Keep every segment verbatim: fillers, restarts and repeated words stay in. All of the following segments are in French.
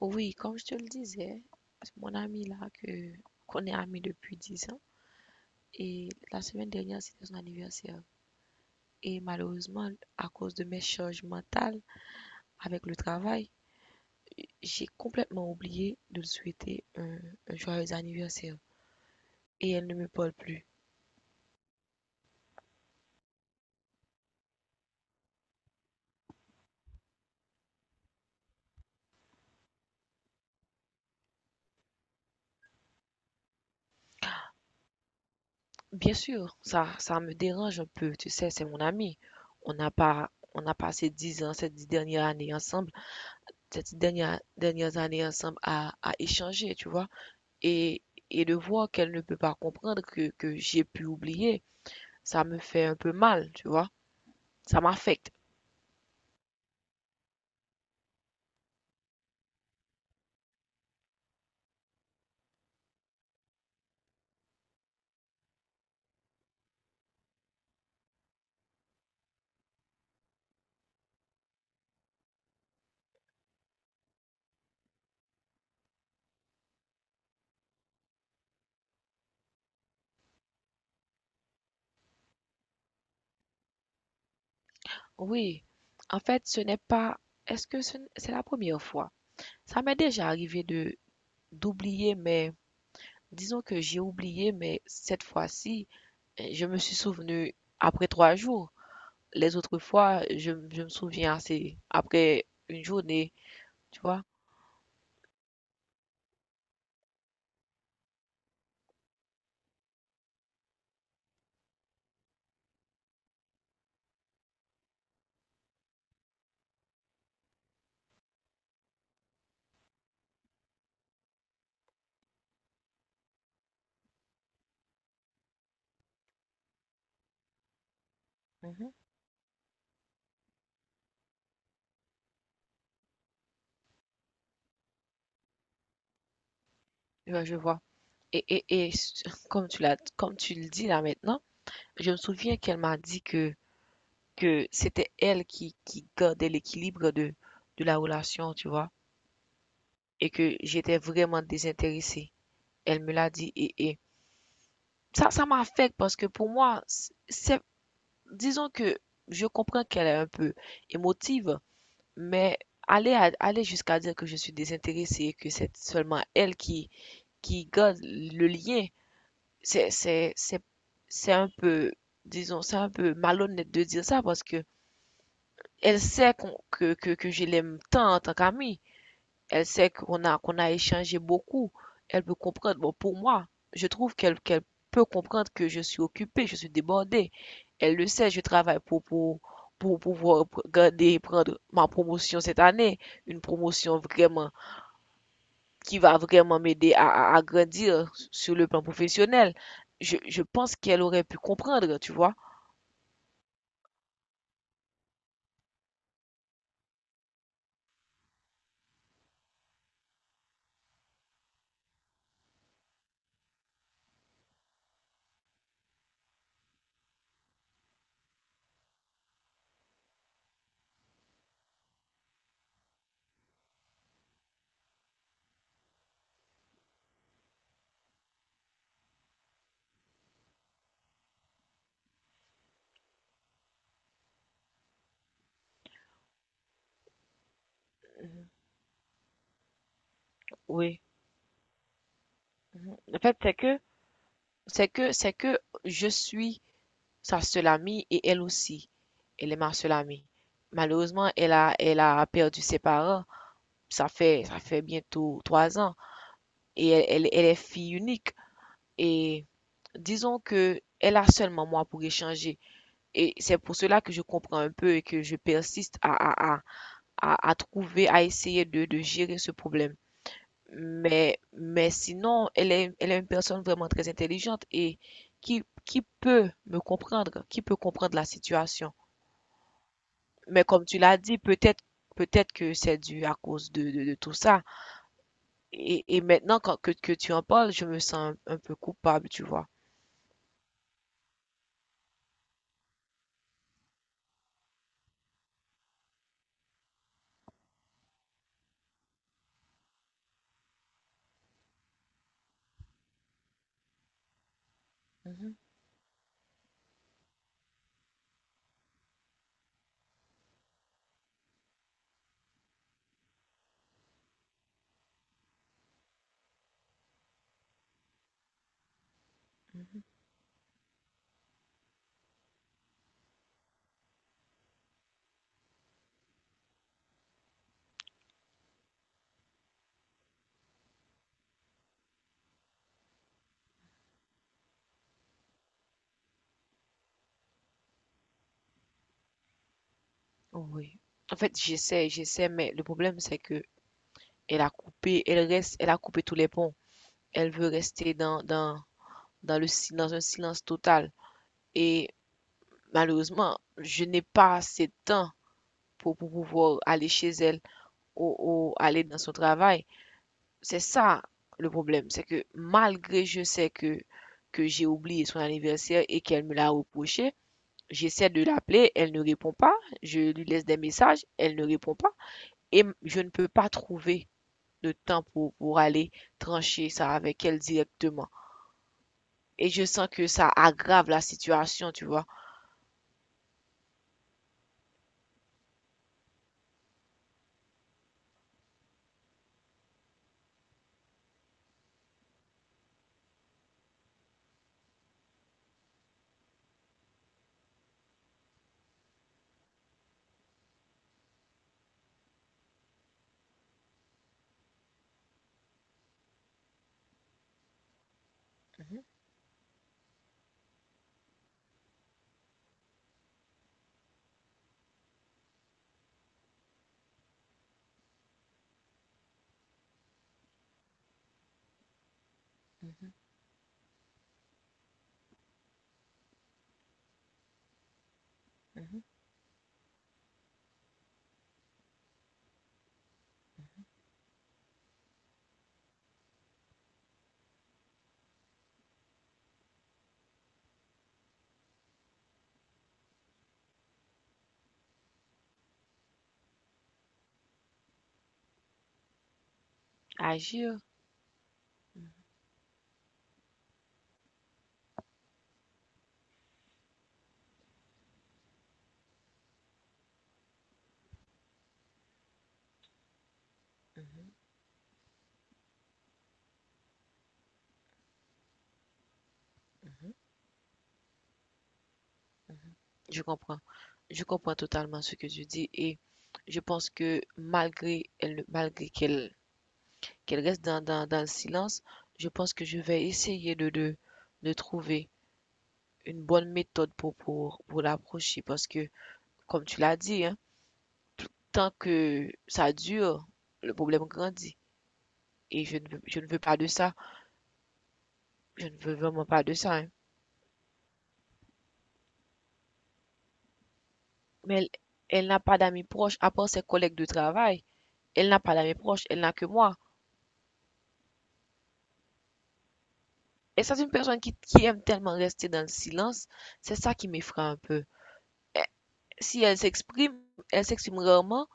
Oui, comme je te le disais, mon ami là, que, qu'on est amis depuis dix ans, et la semaine dernière, c'était son anniversaire. Et malheureusement, à cause de mes charges mentales avec le travail, j'ai complètement oublié de lui souhaiter un, un joyeux anniversaire. Et elle ne me parle plus. Bien sûr, ça, ça me dérange un peu, tu sais, c'est mon ami. On n'a pas, on a passé dix ans, ces dix dernières années ensemble, ces dix dernières, dernières années ensemble à, à échanger, tu vois. et et de voir qu'elle ne peut pas comprendre que, que j'ai pu oublier, ça me fait un peu mal, tu vois. Ça m'affecte. Oui, en fait, ce n'est pas... Est-ce que ce c'est la première fois? Ça m'est déjà arrivé de d'oublier, mais disons que j'ai oublié, mais cette fois-ci, euh, je me suis souvenu après trois jours. Les autres fois, je, je me souviens assez après une journée, tu vois. Mhm. Ouais, je vois. Et, et, et comme tu l'as, comme tu le dis là maintenant, je me souviens qu'elle m'a dit que, que c'était elle qui, qui gardait l'équilibre de, de la relation, tu vois, et que j'étais vraiment désintéressée. Elle me l'a dit et, et ça, ça m'affecte parce que pour moi, c'est, disons que je comprends qu'elle est un peu émotive, mais aller, à- aller jusqu'à dire que je suis désintéressée et que c'est seulement elle qui, qui garde le lien, c'est, c'est, c'est, c'est un peu, disons, c'est un peu malhonnête de dire ça parce que Elle sait qu'on- que, que, que je l'aime tant en tant qu'amie. Elle sait qu'on a, qu'on a échangé beaucoup. Elle peut comprendre. Bon, pour moi, je trouve qu'elle qu'elle peut comprendre que je suis occupée, je suis débordée. Elle le sait, je travaille pour, pour, pour pouvoir pr- garder, prendre ma promotion cette année. Une promotion vraiment qui va vraiment m'aider à, à, à grandir sur le plan professionnel. Je, je pense qu'elle aurait pu comprendre, tu vois. Mhm. Oui. Mhm. Le fait, c'est que, C'est que, c'est que je suis sa seule amie et elle aussi, elle est ma seule amie. Malheureusement, elle a, elle a perdu ses parents. Ça fait, ça fait bientôt trois ans et elle, elle, elle est fille unique. Et disons que elle a seulement moi pour échanger. Et c'est pour cela que je comprends un peu et que je persiste à, à, à, à, trouver, à essayer de, de gérer ce problème. Mais, mais sinon, elle est, elle est une personne vraiment très intelligente et qui, qui peut me comprendre, qui peut comprendre la situation. Mais comme tu l'as dit, peut-être peut-être que c'est dû à cause de, de, de tout ça. Et, et maintenant quand, que, que tu en parles, je me sens un, un peu coupable, tu vois. Mhm, mhm. Oui. En fait, j'essaie, j'essaie, mais le problème, c'est que elle a coupé, elle reste, elle a coupé tous les ponts. Elle veut rester dans, dans, dans le, si- dans un silence total. Et malheureusement, je n'ai pas assez de temps pour, pour pouvoir aller chez elle ou, ou aller dans son travail. C'est ça le problème, c'est que malgré je sais que, que j'ai oublié son anniversaire et qu'elle me l'a reproché, j'essaie de l'appeler, elle ne répond pas, je lui laisse des messages, elle ne répond pas, et je ne peux pas trouver de temps pour, pour aller trancher ça avec elle directement. Et je sens que ça aggrave la situation, tu vois. Mhm, mhm, mhm. Agir. Mhm, mhm. Je comprends. Je comprends totalement ce que tu dis et je pense que malgré elle, malgré qu'elle qu'elle reste dans, dans, dans le silence, je pense que je vais essayer de, de, de trouver une bonne méthode pour, pour, pour l'approcher parce que, comme tu l'as dit, hein, tant que ça dure, le problème grandit. Et je ne, veux- je ne veux pas de ça. Je ne veux vraiment pas de ça, hein. Mais elle, elle n'a pas d'amis proches, à part ses collègues de travail. Elle n'a pas d'amis proches, elle n'a que moi. Et c'est une personne qui, qui aime tellement rester dans le silence. C'est ça qui m'effraie un peu. Si elle s'exprime, elle s'exprime rarement.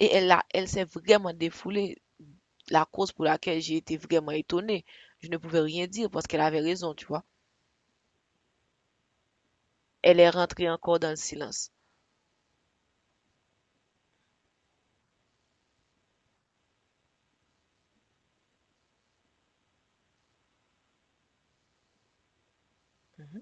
Et elle a, elle s'est vraiment défoulée. La cause pour laquelle j'ai été vraiment étonnée, je ne pouvais rien dire parce qu'elle avait raison, tu vois. Elle est rentrée encore dans le silence. Mhm,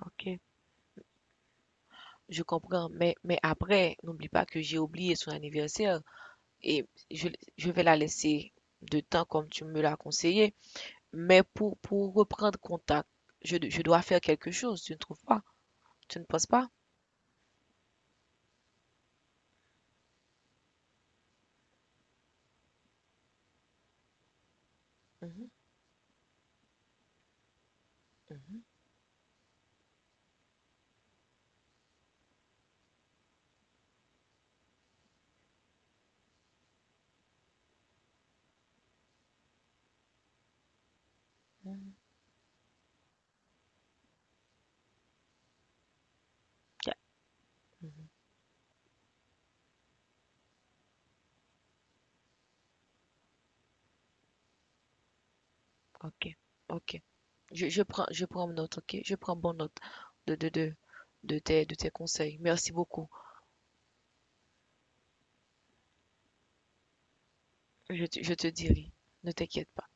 ok, je comprends. Mais, mais après, n'oublie pas que j'ai oublié son anniversaire et je, je vais la laisser de temps comme tu me l'as conseillé. Mais pour, pour reprendre contact, je, je dois faire quelque chose, tu ne trouves pas? Tu ne penses pas? Mhm, mhm, mhm. Ok, ok. Je, je prends, je prends note, ok? Je prends bonne note de, de, de, de tes, de tes conseils. Merci beaucoup. Je, te- je te dirai. Ne t'inquiète pas.